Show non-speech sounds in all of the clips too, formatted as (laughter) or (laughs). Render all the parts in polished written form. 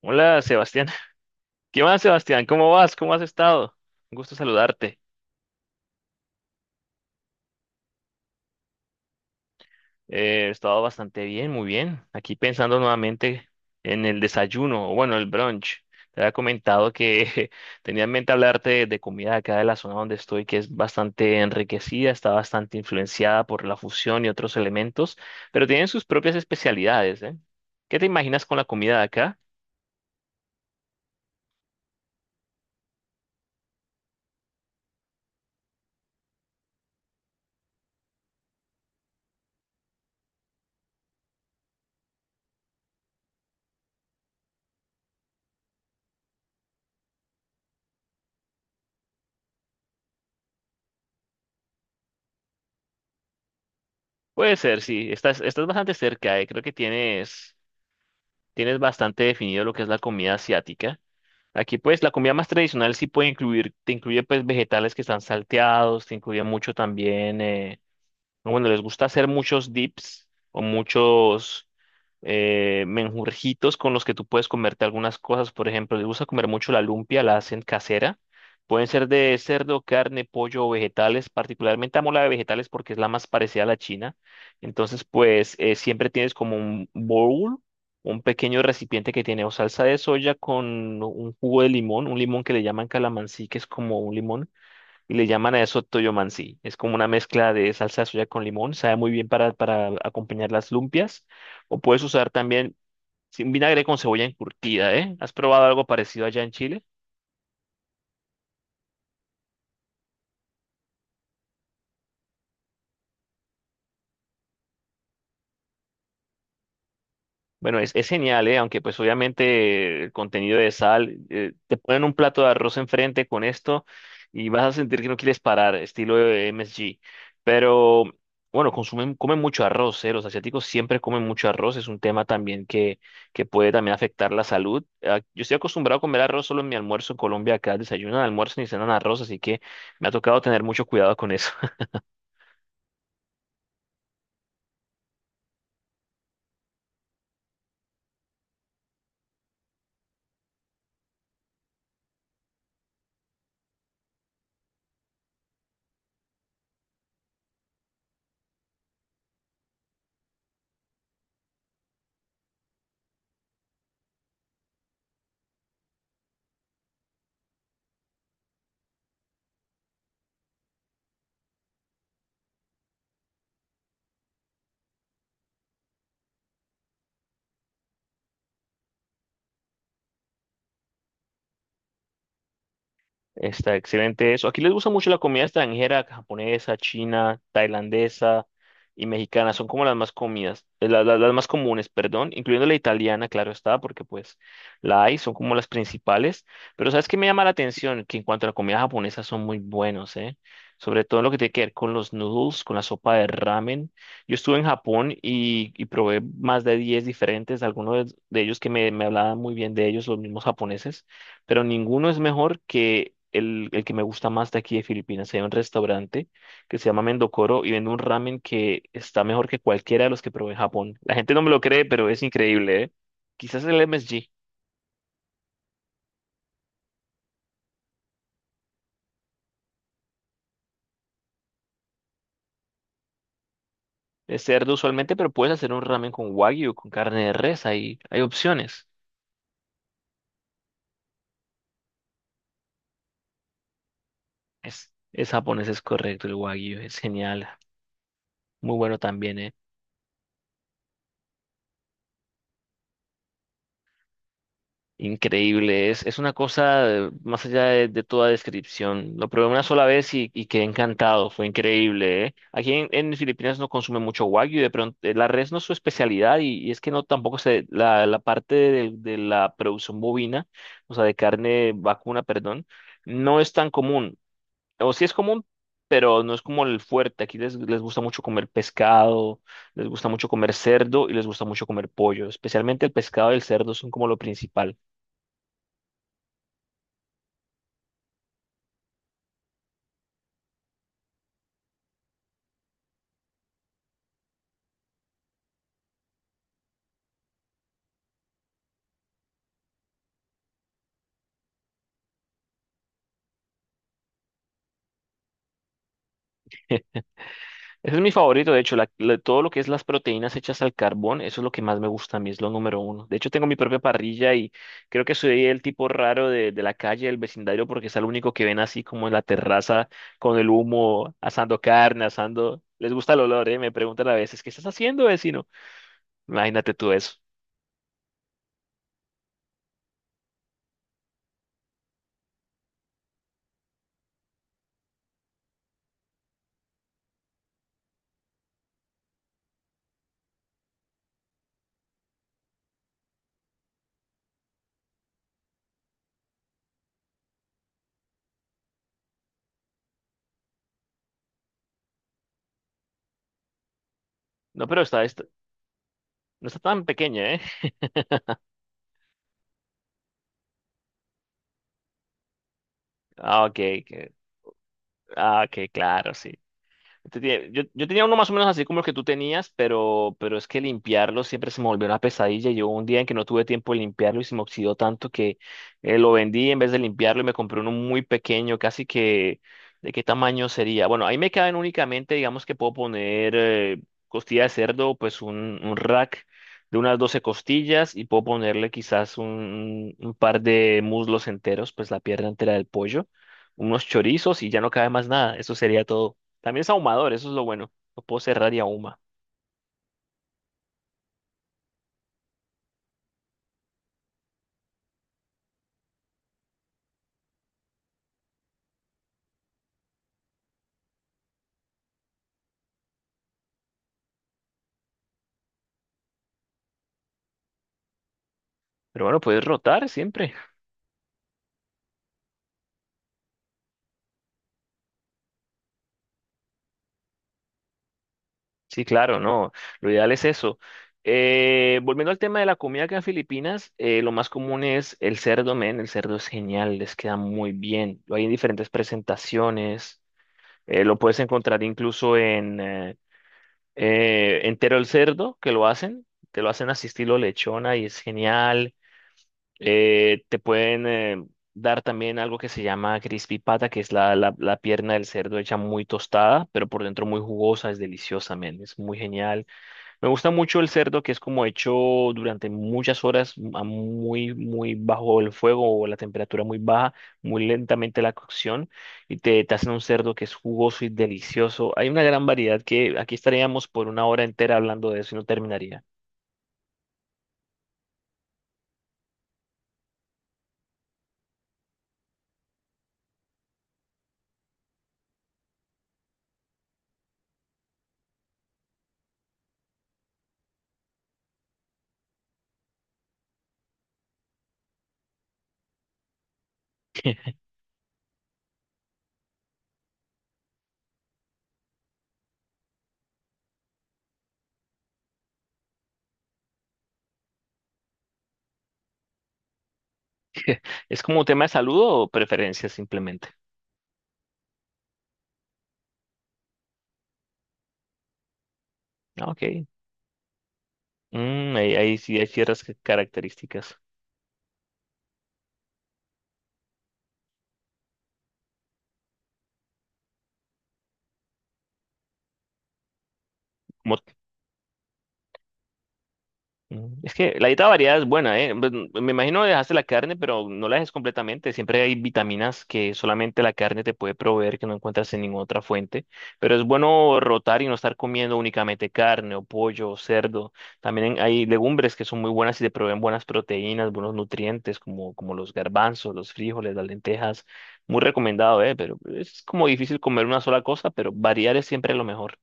Hola, Sebastián. (laughs) ¿Qué más, Sebastián? ¿Cómo vas? ¿Cómo has estado? Un gusto saludarte. He estado bastante bien, muy bien. Aquí pensando nuevamente en el desayuno, o bueno, el brunch. Te había comentado que (laughs) tenía en mente hablarte de comida acá de la zona donde estoy, que es bastante enriquecida, está bastante influenciada por la fusión y otros elementos, pero tienen sus propias especialidades, ¿eh? ¿Qué te imaginas con la comida de acá? Puede ser, sí. Estás bastante cerca, eh. Creo que tienes. Tienes bastante definido lo que es la comida asiática. Aquí pues la comida más tradicional sí puede incluir, te incluye pues vegetales que están salteados, te incluye mucho también, o bueno, les gusta hacer muchos dips o muchos menjurjitos con los que tú puedes comerte algunas cosas. Por ejemplo, les gusta comer mucho la lumpia, la hacen casera. Pueden ser de cerdo, carne, pollo o vegetales. Particularmente amo la de vegetales porque es la más parecida a la china. Entonces, pues siempre tienes como un bowl, un pequeño recipiente que tiene o salsa de soya con un jugo de limón, un limón que le llaman calamansí, que es como un limón y le llaman a eso toyomansi. Es como una mezcla de salsa de soya con limón, sabe muy bien para acompañar las lumpias. O puedes usar también sin vinagre con cebolla encurtida, ¿eh? ¿Has probado algo parecido allá en Chile? Bueno, es genial, ¿eh? Aunque pues obviamente el contenido de sal, te ponen un plato de arroz enfrente con esto y vas a sentir que no quieres parar, estilo de MSG. Pero bueno, consumen, comen mucho arroz, ¿eh? Los asiáticos siempre comen mucho arroz, es un tema también que puede también afectar la salud. Ah, yo estoy acostumbrado a comer arroz solo en mi almuerzo en Colombia, acá desayunan, almuerzan y cenan arroz, así que me ha tocado tener mucho cuidado con eso. Está excelente eso. Aquí les gusta mucho la comida extranjera, japonesa, china, tailandesa y mexicana. Son como las más comidas, las más comunes, perdón, incluyendo la italiana, claro está, porque pues la hay, son como las principales. Pero ¿sabes qué me llama la atención? Que en cuanto a la comida japonesa son muy buenos, ¿eh? Sobre todo lo que tiene que ver con los noodles, con la sopa de ramen. Yo estuve en Japón y probé más de 10 diferentes, algunos de ellos me hablaban muy bien de ellos, los mismos japoneses, pero ninguno es mejor que el que me gusta más de aquí de Filipinas. Hay un restaurante que se llama Mendocoro y vende un ramen que está mejor que cualquiera de los que probé en Japón. La gente no me lo cree, pero es increíble, ¿eh? Quizás el MSG. Es cerdo usualmente, pero puedes hacer un ramen con wagyu, con carne de res, hay opciones. Es japonés, es correcto, el wagyu es genial. Muy bueno también, ¿eh? Increíble, es una cosa, más allá de toda descripción. Lo probé una sola vez y quedé encantado, fue increíble, ¿eh? Aquí en Filipinas no consume mucho wagyu, de pronto la res no es su especialidad y es que no tampoco se, la parte de la producción bovina, o sea, de carne vacuna, perdón, no es tan común. O sí es común, pero no es como el fuerte. Aquí les gusta mucho comer pescado, les gusta mucho comer cerdo y les gusta mucho comer pollo. Especialmente el pescado y el cerdo son como lo principal. Ese es mi favorito, de hecho, todo lo que es las proteínas hechas al carbón, eso es lo que más me gusta a mí, es lo número uno. De hecho, tengo mi propia parrilla y creo que soy el tipo raro de la calle, del vecindario, porque es el único que ven así como en la terraza con el humo, asando carne, asando... Les gusta el olor, ¿eh? Me preguntan a veces, ¿qué estás haciendo, vecino? Imagínate tú eso. No, pero no está tan pequeña, ¿eh? (laughs) Ah, ok, que- ah, ok, claro, sí. Te tiene- yo tenía uno más o menos así como el que tú tenías, pero es que limpiarlo siempre se me volvió una pesadilla. Yo un día en que no tuve tiempo de limpiarlo y se me oxidó tanto que lo vendí en vez de limpiarlo y me compré uno muy pequeño, casi que de qué tamaño sería. Bueno, ahí me caben únicamente, digamos que puedo poner costilla de cerdo, pues un rack de unas 12 costillas y puedo ponerle quizás un par de muslos enteros, pues la pierna entera del pollo, unos chorizos y ya no cabe más nada. Eso sería todo. También es ahumador, eso es lo bueno. Lo puedo cerrar y ahuma. Pero bueno, puedes rotar siempre. Sí, claro, no. Lo ideal es eso. Volviendo al tema de la comida acá en Filipinas, lo más común es el cerdo, men. El cerdo es genial, les queda muy bien. Lo hay en diferentes presentaciones. Lo puedes encontrar incluso en entero el cerdo, que lo hacen. Te lo hacen así estilo lechona y es genial. Te pueden dar también algo que se llama crispy pata, que es la pierna del cerdo hecha muy tostada, pero por dentro muy jugosa, es deliciosa, men, es muy genial. Me gusta mucho el cerdo que es como hecho durante muchas horas a muy bajo el fuego o la temperatura muy baja, muy lentamente la cocción, y te hacen un cerdo que es jugoso y delicioso. Hay una gran variedad que aquí estaríamos por una hora entera hablando de eso y no terminaría. (laughs) ¿Es como un tema de salud o preferencias simplemente? Ah, ok. Mm, ahí sí hay ciertas características. Como- mm, es que la dieta variada es buena, ¿eh? Pues, mm, me imagino dejaste la carne, pero no la dejes completamente. Siempre hay vitaminas que solamente la carne te puede proveer, que no encuentras en ninguna otra fuente. Pero es bueno rotar y no estar comiendo únicamente carne o pollo o cerdo. También hay legumbres que son muy buenas y te proveen buenas proteínas, buenos nutrientes, como los garbanzos, los frijoles, las lentejas. Muy recomendado, ¿eh? Pero es como difícil comer una sola cosa, pero variar es siempre lo mejor.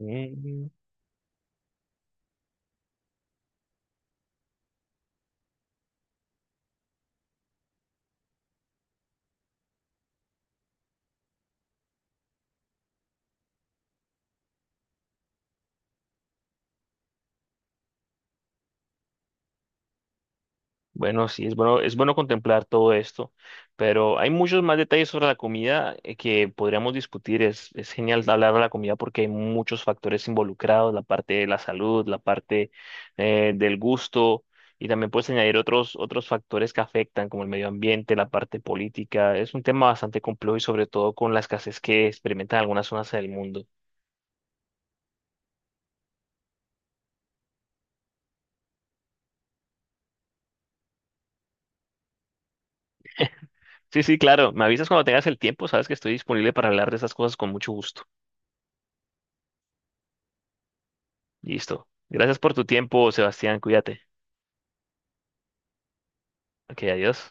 Mm, bueno, sí, es bueno contemplar todo esto, pero hay muchos más detalles sobre la comida que podríamos discutir. Es genial hablar de la comida porque hay muchos factores involucrados, la parte de la salud, la parte del gusto, y también puedes añadir otros factores que afectan, como el medio ambiente, la parte política. Es un tema bastante complejo y sobre todo con la escasez que experimentan algunas zonas del mundo. Sí, sí, claro, me avisas cuando tengas el tiempo, sabes que estoy disponible para hablar de esas cosas con mucho gusto. Listo. Gracias por tu tiempo, Sebastián. Cuídate. Ok, adiós.